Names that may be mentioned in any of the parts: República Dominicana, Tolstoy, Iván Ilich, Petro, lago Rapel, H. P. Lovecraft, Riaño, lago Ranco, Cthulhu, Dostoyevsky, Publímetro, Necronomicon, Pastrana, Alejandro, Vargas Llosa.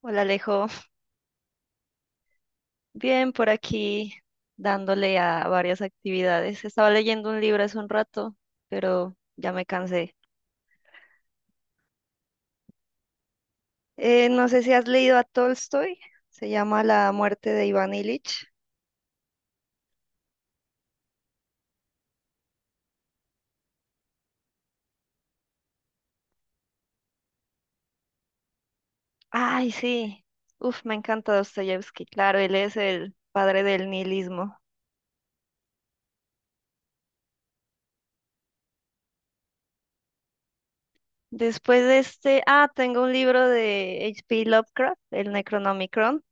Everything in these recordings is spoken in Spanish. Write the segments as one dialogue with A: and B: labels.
A: Hola Alejo, bien por aquí dándole a varias actividades. Estaba leyendo un libro hace un rato, pero ya me cansé. No sé si has leído a Tolstoy, se llama La muerte de Iván Ilich. Ay, sí, uf, me encanta Dostoyevsky, claro, él es el padre del nihilismo. Después de este, ah, tengo un libro de H. P. Lovecraft, el Necronomicon,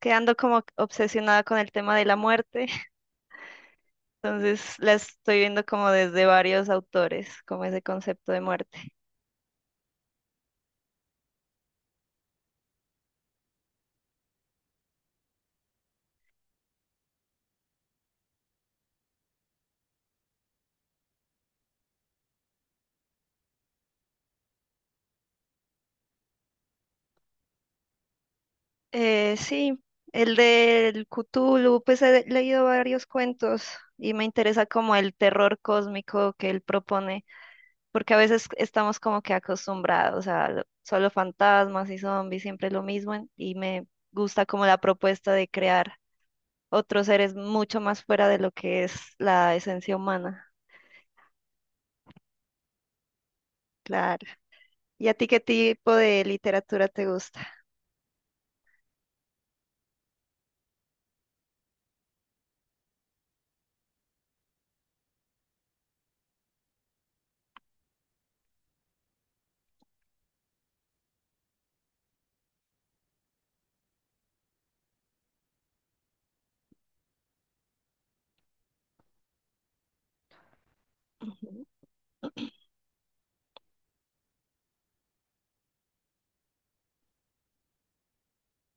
A: que ando como obsesionada con el tema de la muerte. Entonces la estoy viendo como desde varios autores, como ese concepto de muerte. Sí, el del Cthulhu, pues he leído varios cuentos y me interesa como el terror cósmico que él propone, porque a veces estamos como que acostumbrados a solo fantasmas y zombies, siempre lo mismo, y me gusta como la propuesta de crear otros seres mucho más fuera de lo que es la esencia humana. Claro. ¿Y a ti qué tipo de literatura te gusta?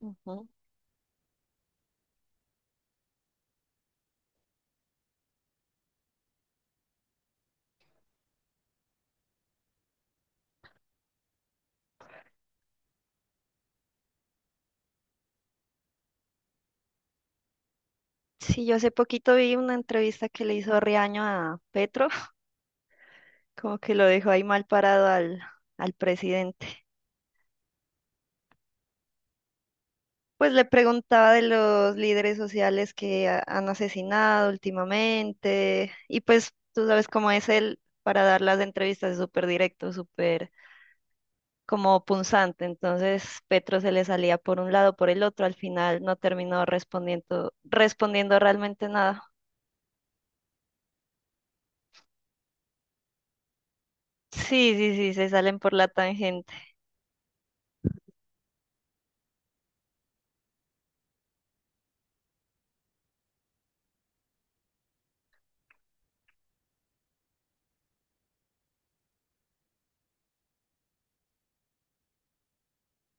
A: Ujú. Sí, yo hace poquito vi una entrevista que le hizo Riaño a Petro, como que lo dejó ahí mal parado al presidente. Pues le preguntaba de los líderes sociales que han asesinado últimamente, y pues tú sabes cómo es él para dar las entrevistas, es súper directo, súper como punzante. Entonces Petro se le salía por un lado, por el otro, al final no terminó respondiendo, respondiendo realmente nada. Sí, sí, sí, se salen por la tangente.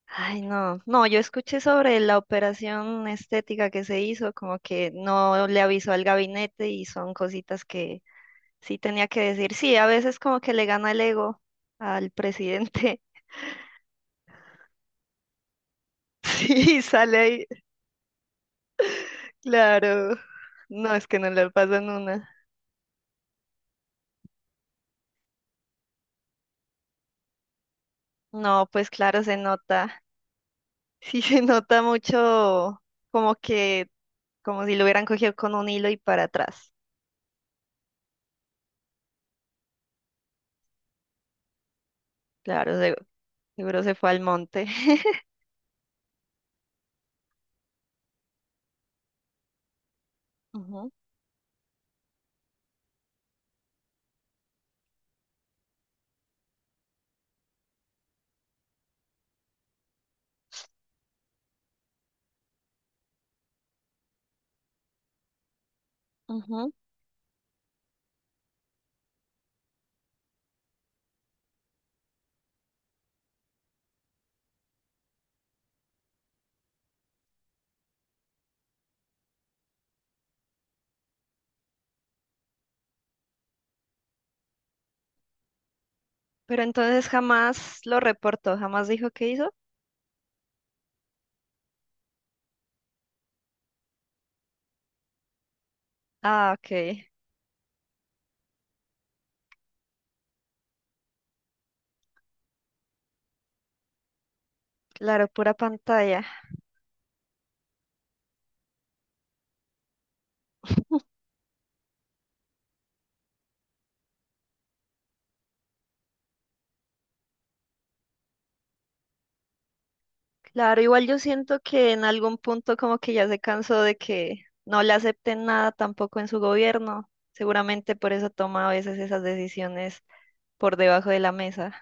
A: Ay, no, no, yo escuché sobre la operación estética que se hizo, como que no le avisó al gabinete y son cositas que sí tenía que decir. Sí, a veces como que le gana el ego al presidente. Sí, sale ahí, claro. No, es que no le pasan una. No, pues claro, se nota. Sí, se nota mucho como que, como si lo hubieran cogido con un hilo y para atrás. Claro, seguro se fue al monte. Ujú, ujú. Pero entonces jamás lo reportó, jamás dijo qué hizo. Ah, ok. Claro, pura pantalla. Claro, igual yo siento que en algún punto como que ya se cansó de que no le acepten nada tampoco en su gobierno. Seguramente por eso toma a veces esas decisiones por debajo de la mesa.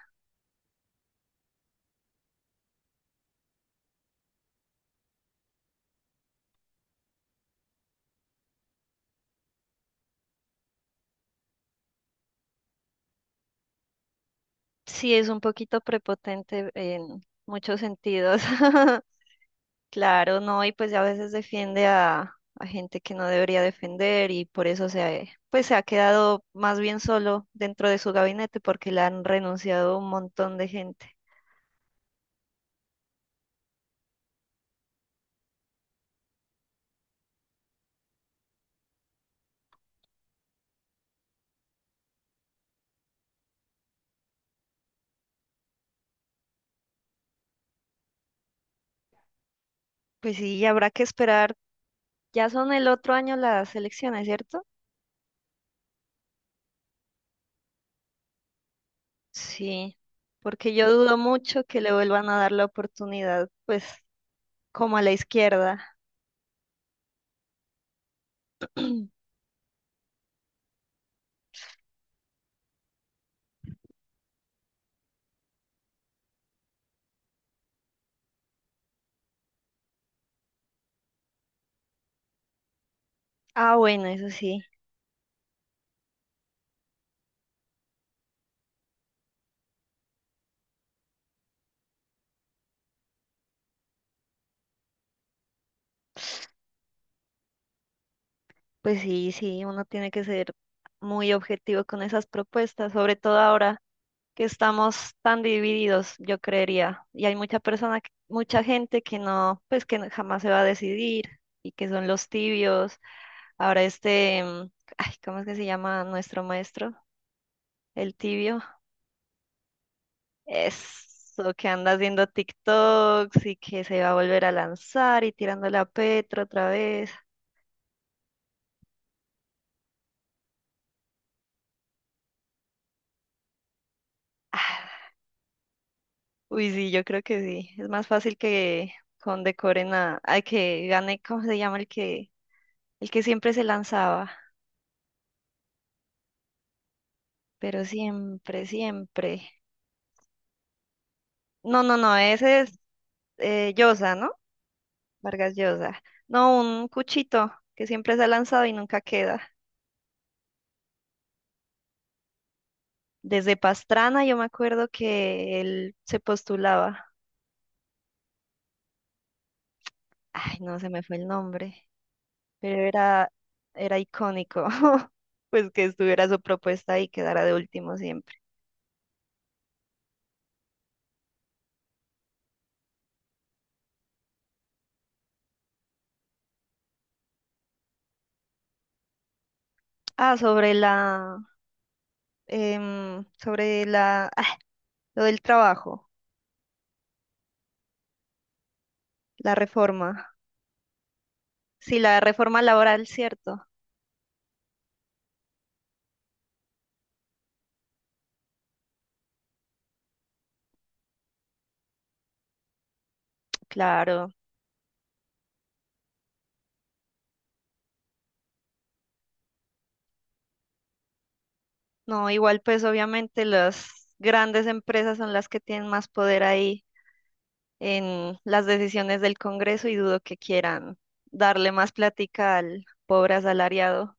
A: Sí, es un poquito prepotente en muchos sentidos. Claro, no, y pues a veces defiende a gente que no debería defender y por eso pues se ha quedado más bien solo dentro de su gabinete porque le han renunciado un montón de gente. Pues sí, y habrá que esperar. Ya son el otro año las elecciones, ¿cierto? Sí, porque yo dudo mucho que le vuelvan a dar la oportunidad, pues como a la izquierda. Ah, bueno, eso sí, pues sí, sí, uno tiene que ser muy objetivo con esas propuestas, sobre todo ahora que estamos tan divididos, yo creería. Y hay mucha persona, mucha gente que no, pues que no- jamás se va a decidir y que son los tibios. Ahora este, ay, ¿cómo es que se llama nuestro maestro? El tibio. Eso, que anda haciendo TikToks y que se va a volver a lanzar y tirándole a Petro otra vez. Ah, uy, sí, yo creo que sí. Es más fácil que condecoren a, ay, que gane, ¿cómo se llama el que siempre se lanzaba? Pero siempre, siempre. No, no, no, ese es Llosa, ¿no? Vargas Llosa. No, un cuchito que siempre se ha lanzado y nunca queda. Desde Pastrana yo me acuerdo que él se postulaba. Ay, no, se me fue el nombre, pero era icónico. Pues que estuviera su propuesta y quedara de último siempre. Ah, sobre la, ah, lo del trabajo, la reforma. Sí, la reforma laboral, cierto. Claro. No, igual pues obviamente las grandes empresas son las que tienen más poder ahí en las decisiones del Congreso y dudo que quieran darle más plática al pobre asalariado,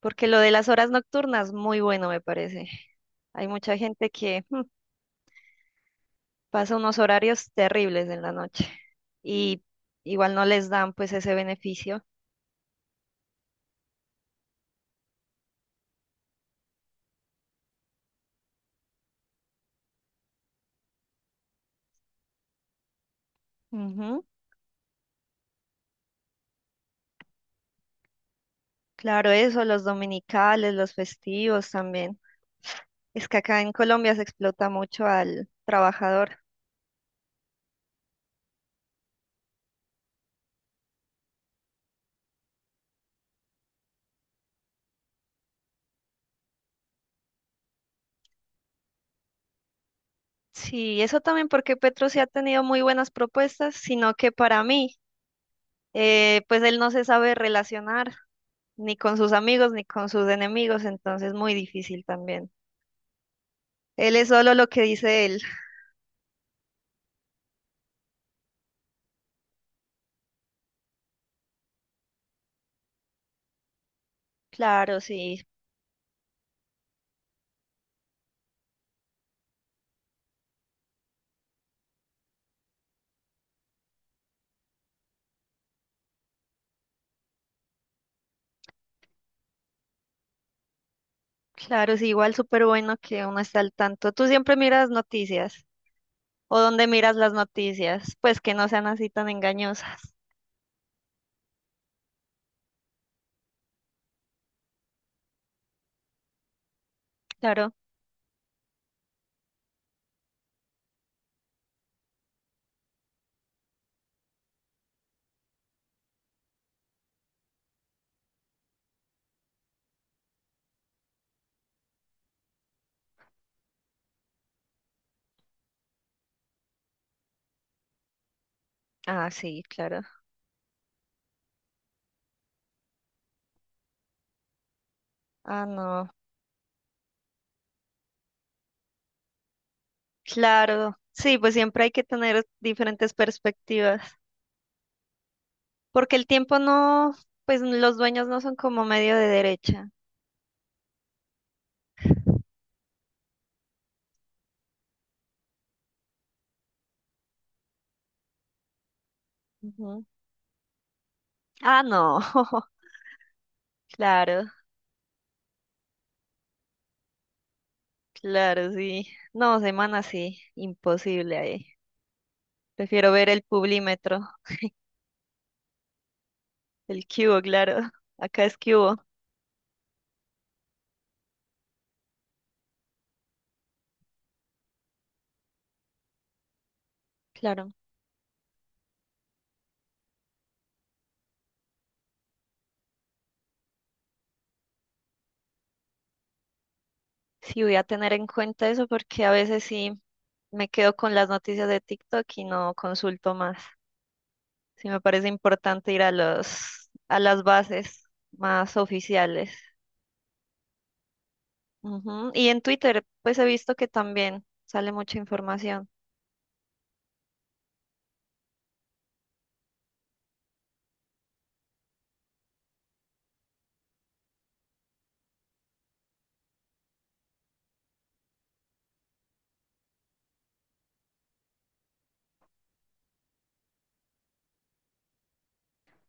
A: porque lo de las horas nocturnas, muy bueno me parece. Hay mucha gente que pasa unos horarios terribles en la noche y igual no les dan pues ese beneficio. Ujú. Claro, eso, los dominicales, los festivos también. Es que acá en Colombia se explota mucho al trabajador. Sí, eso también porque Petro sí ha tenido muy buenas propuestas, sino que para mí, pues él no se sabe relacionar ni con sus amigos ni con sus enemigos, entonces muy difícil también. Él es solo lo que dice él. Claro, sí, claro, sí, igual súper bueno que uno esté al tanto. Tú siempre miras noticias, o dónde miras las noticias, pues que no sean así tan engañosas. Claro. Ah, sí, claro. Ah, no. Claro, sí, pues siempre hay que tener diferentes perspectivas, porque el tiempo no, pues los dueños no son como medio de derecha. Ujú. Ah, no, claro, claro, sí. No, semana sí, imposible ahí. Prefiero ver el Publímetro, el cubo, claro. Acá es cubo, claro. Sí, voy a tener en cuenta eso porque a veces sí me quedo con las noticias de TikTok y no consulto más. Sí, me parece importante ir a a las bases más oficiales. Ujú. Y en Twitter, pues he visto que también sale mucha información.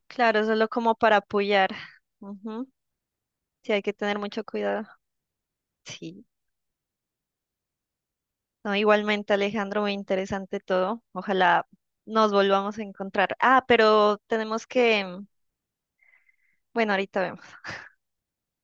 A: Claro, solo como para apoyar. Ujú. Sí, hay que tener mucho cuidado. Sí. No, igualmente, Alejandro, muy interesante todo. Ojalá nos volvamos a encontrar. Ah, pero tenemos bueno, ahorita vemos.